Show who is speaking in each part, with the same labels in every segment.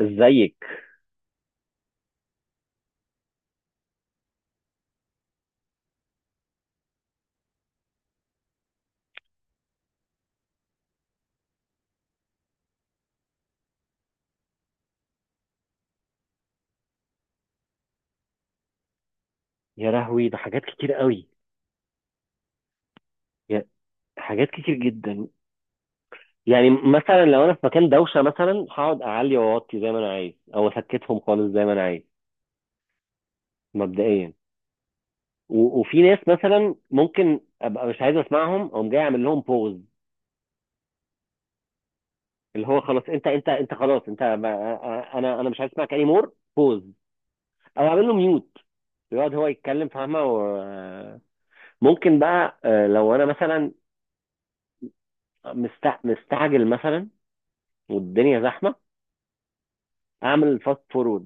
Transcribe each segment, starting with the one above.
Speaker 1: ازيك؟ يا لهوي، ده حاجات كتير قوي. يا حاجات كتير جدا. يعني مثلا لو انا في مكان دوشه مثلا، هقعد اعلي واوطي زي ما انا عايز، او اسكتهم خالص زي ما انا عايز، مبدئيا. وفي ناس مثلا ممكن ابقى مش عايز اسمعهم، اقوم جاي اعمل لهم بوز، اللي هو خلاص انت خلاص انت انا مش عايز اسمعك، اني مور بوز، او اعمل له ميوت، يقعد هو يتكلم فاهمه. ممكن بقى، لو انا مثلا مستعجل مثلا، والدنيا زحمه، اعمل فاست فورورد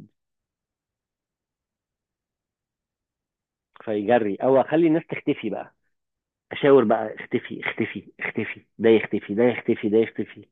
Speaker 1: فيجري، او اخلي الناس تختفي بقى، اشاور بقى: اختفي اختفي اختفي، ده يختفي ده يختفي ده يختفي.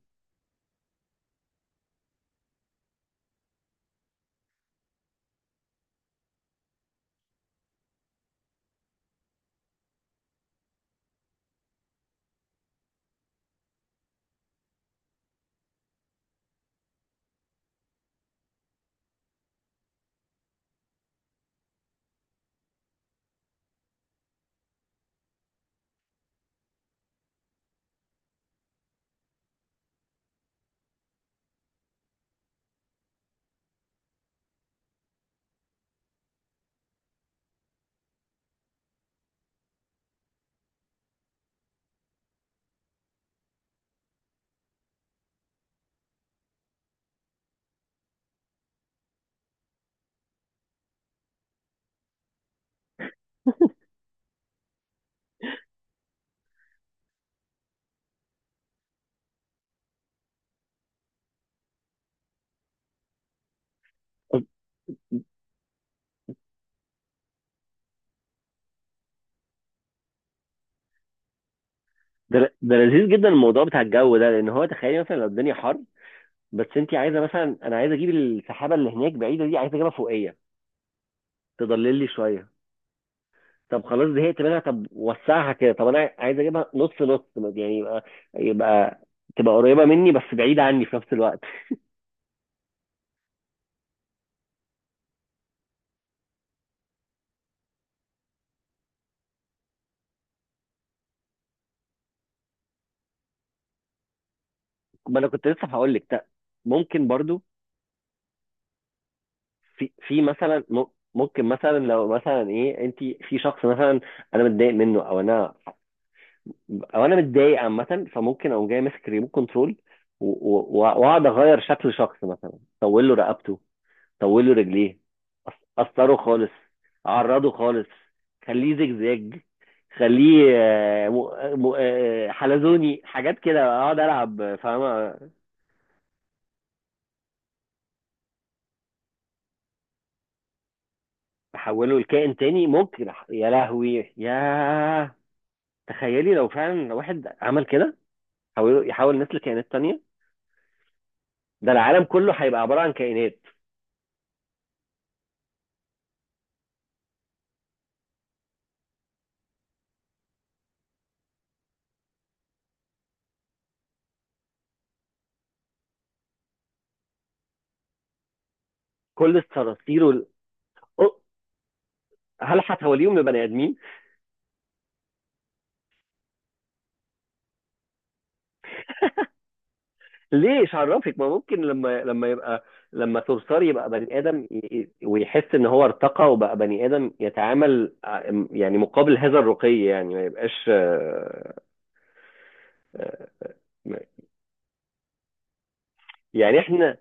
Speaker 1: ده لذيذ جدا، الموضوع بتاع الجو ده، لان هو تخيلي مثلا لو الدنيا حر، بس انت عايزه، مثلا انا عايز اجيب السحابه اللي هناك بعيده دي، عايز اجيبها فوقيه تضلل لي شويه. طب خلاص زهقت منها، طب وسعها كده، طب انا عايز اجيبها نص نص يعني، يبقى تبقى قريبه مني بس بعيده عني في نفس الوقت. ما انا كنت لسه هقول لك، ممكن برضو. في مثلا ممكن مثلا لو مثلا ايه، انت في شخص مثلا انا متضايق منه، او انا متضايق عامه، فممكن اقوم جاي ماسك ريموت كنترول واقعد اغير شكل شخص، مثلا طول له رقبته، طول له رجليه، اثره خالص، اعرضه خالص، خليه زجزاج، خليه حلزوني، حاجات كده اقعد العب فاهمه. احوله لكائن تاني ممكن، يا لهوي ياه. تخيلي لو فعلا واحد عمل كده، يحاول الناس لكائنات تانية، ده العالم كله هيبقى عبارة عن كائنات. كل الصراصير أو- هل هتوليهم لبني آدمين؟ ليه إيش عرفك؟ ما ممكن، لما صرصار يبقى بني آدم ويحس إن هو ارتقى وبقى بني آدم، يتعامل يعني، مقابل هذا الرقي، يعني ما يبقاش آه، يعني إحنا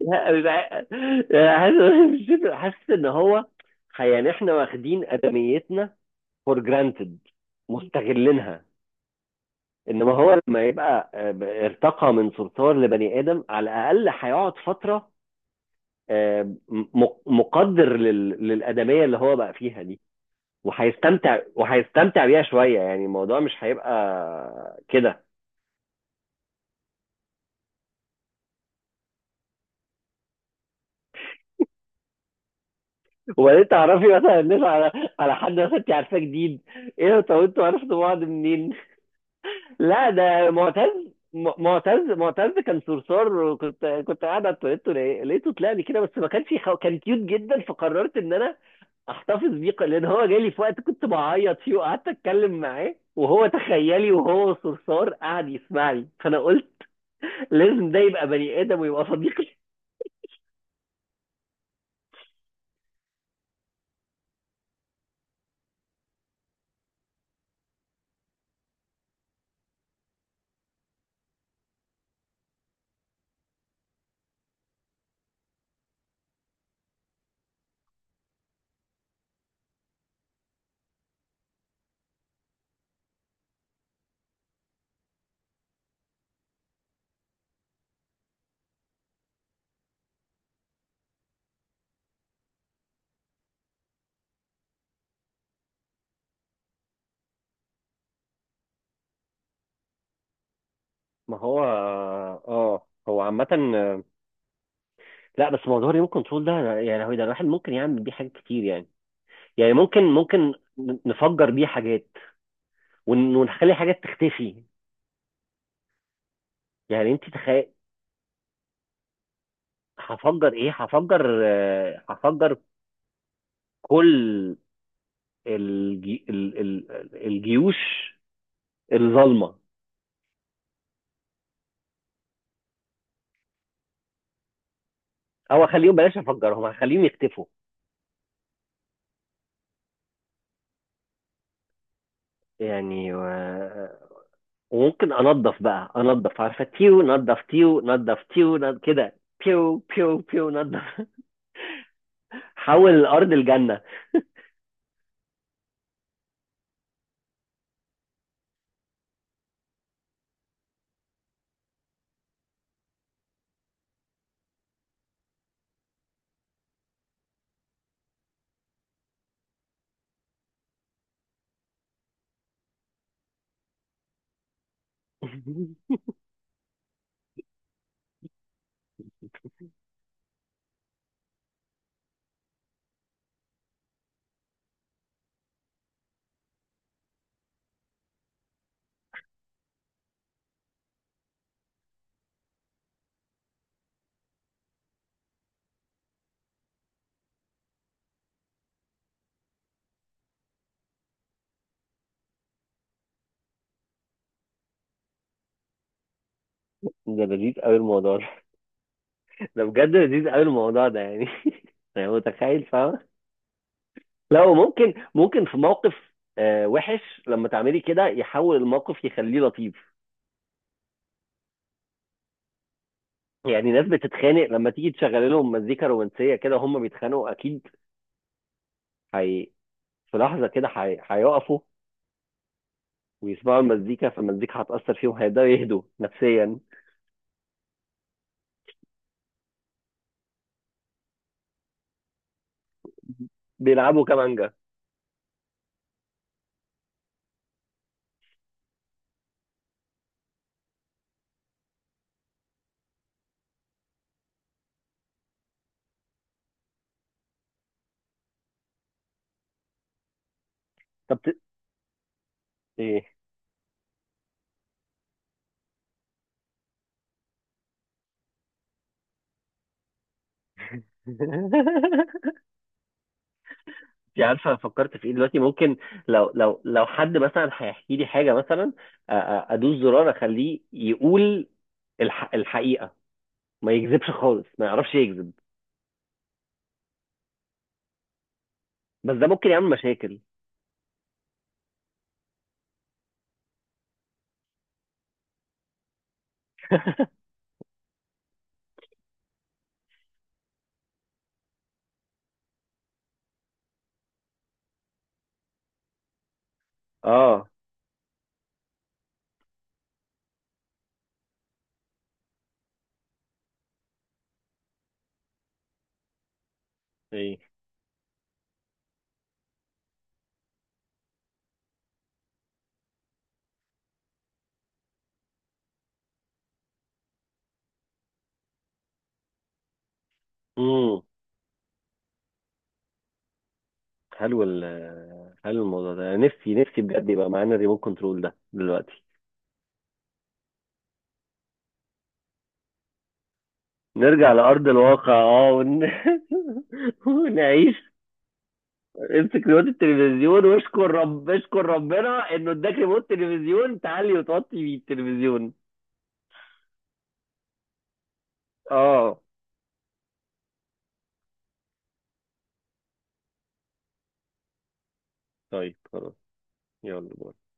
Speaker 1: حاسس إن هو، يعني إحنا واخدين آدميتنا فور جرانتد، مستغلينها. انما هو لما يبقى، ارتقى من صرصار لبني ادم، على الاقل هيقعد فتره، آه، مقدر للادميه اللي هو بقى فيها دي، وهيستمتع بيها شويه. يعني الموضوع مش هيبقى كده. وبعدين تعرفي مثلا الناس، على حد مثلا انت عارفاه جديد، ايه ده؟ طب انتوا عرفتوا بعض منين؟ لا ده معتز، معتز كان صرصار، كنت قاعد على التواليت، لقيته طلع لي كده، بس ما كانش كان كيوت جدا، فقررت ان انا احتفظ بيه لان هو جالي في وقت كنت بعيط فيه، وقعدت اتكلم معاه، وهو تخيلي وهو صرصار قعد يسمع لي، فانا قلت لازم ده يبقى بني ادم ويبقى صديقي. ما هو اه، هو عامة، آه، لا، بس موضوع الريموت كنترول ده، يعني هو ده، الواحد ممكن يعمل بيه حاجات كتير يعني ممكن نفجر بيه حاجات، ونخلي حاجات تختفي. يعني انت تخيل، هفجر ايه؟ هفجر كل الجي... ال... ال... الجيوش الظالمه. او اخليهم، بلاش افجرهم، هخليهم يختفوا يعني. وممكن انضف بقى، انضف عارفه، تيو نضف تيو نضف تيو نضف كده، بيو بيو بيو نضف حول الارض الجنه. ده لذيذ قوي الموضوع ده. ده بجد لذيذ قوي الموضوع ده يعني. يعني متخيل فاهم، لو ممكن في موقف وحش، لما تعملي كده يحول الموقف يخليه لطيف. يعني ناس بتتخانق لما تيجي تشغل لهم مزيكا رومانسية كده، هم بيتخانقوا أكيد. هي في لحظة كده هيقفوا ويسمعوا المزيكا، فالمزيكا هتأثر فيهم، هيبدأوا يهدوا نفسيا. بيلعبوا كمانجا. طب ت... إيه؟ انت عارفه فكرت في ايه دلوقتي؟ ممكن لو حد مثلا هيحكي لي حاجه، مثلا ادوس زرار اخليه يقول الحقيقه، ما يكذبش خالص، ما يعرفش يكذب. بس ده ممكن يعمل مشاكل. اه، ايه، امم حلو ال حلو الموضوع ده. نفسي نفسي بجد يبقى معانا الريموت كنترول ده دلوقتي. نرجع لأرض الواقع، اه، ونعيش. امسك ريموت التلفزيون، واشكر رب اشكر ربنا انه اداك ريموت تلفزيون تعلي وتوطي بيه التلفزيون. اه، طيب خلاص، يلا باي.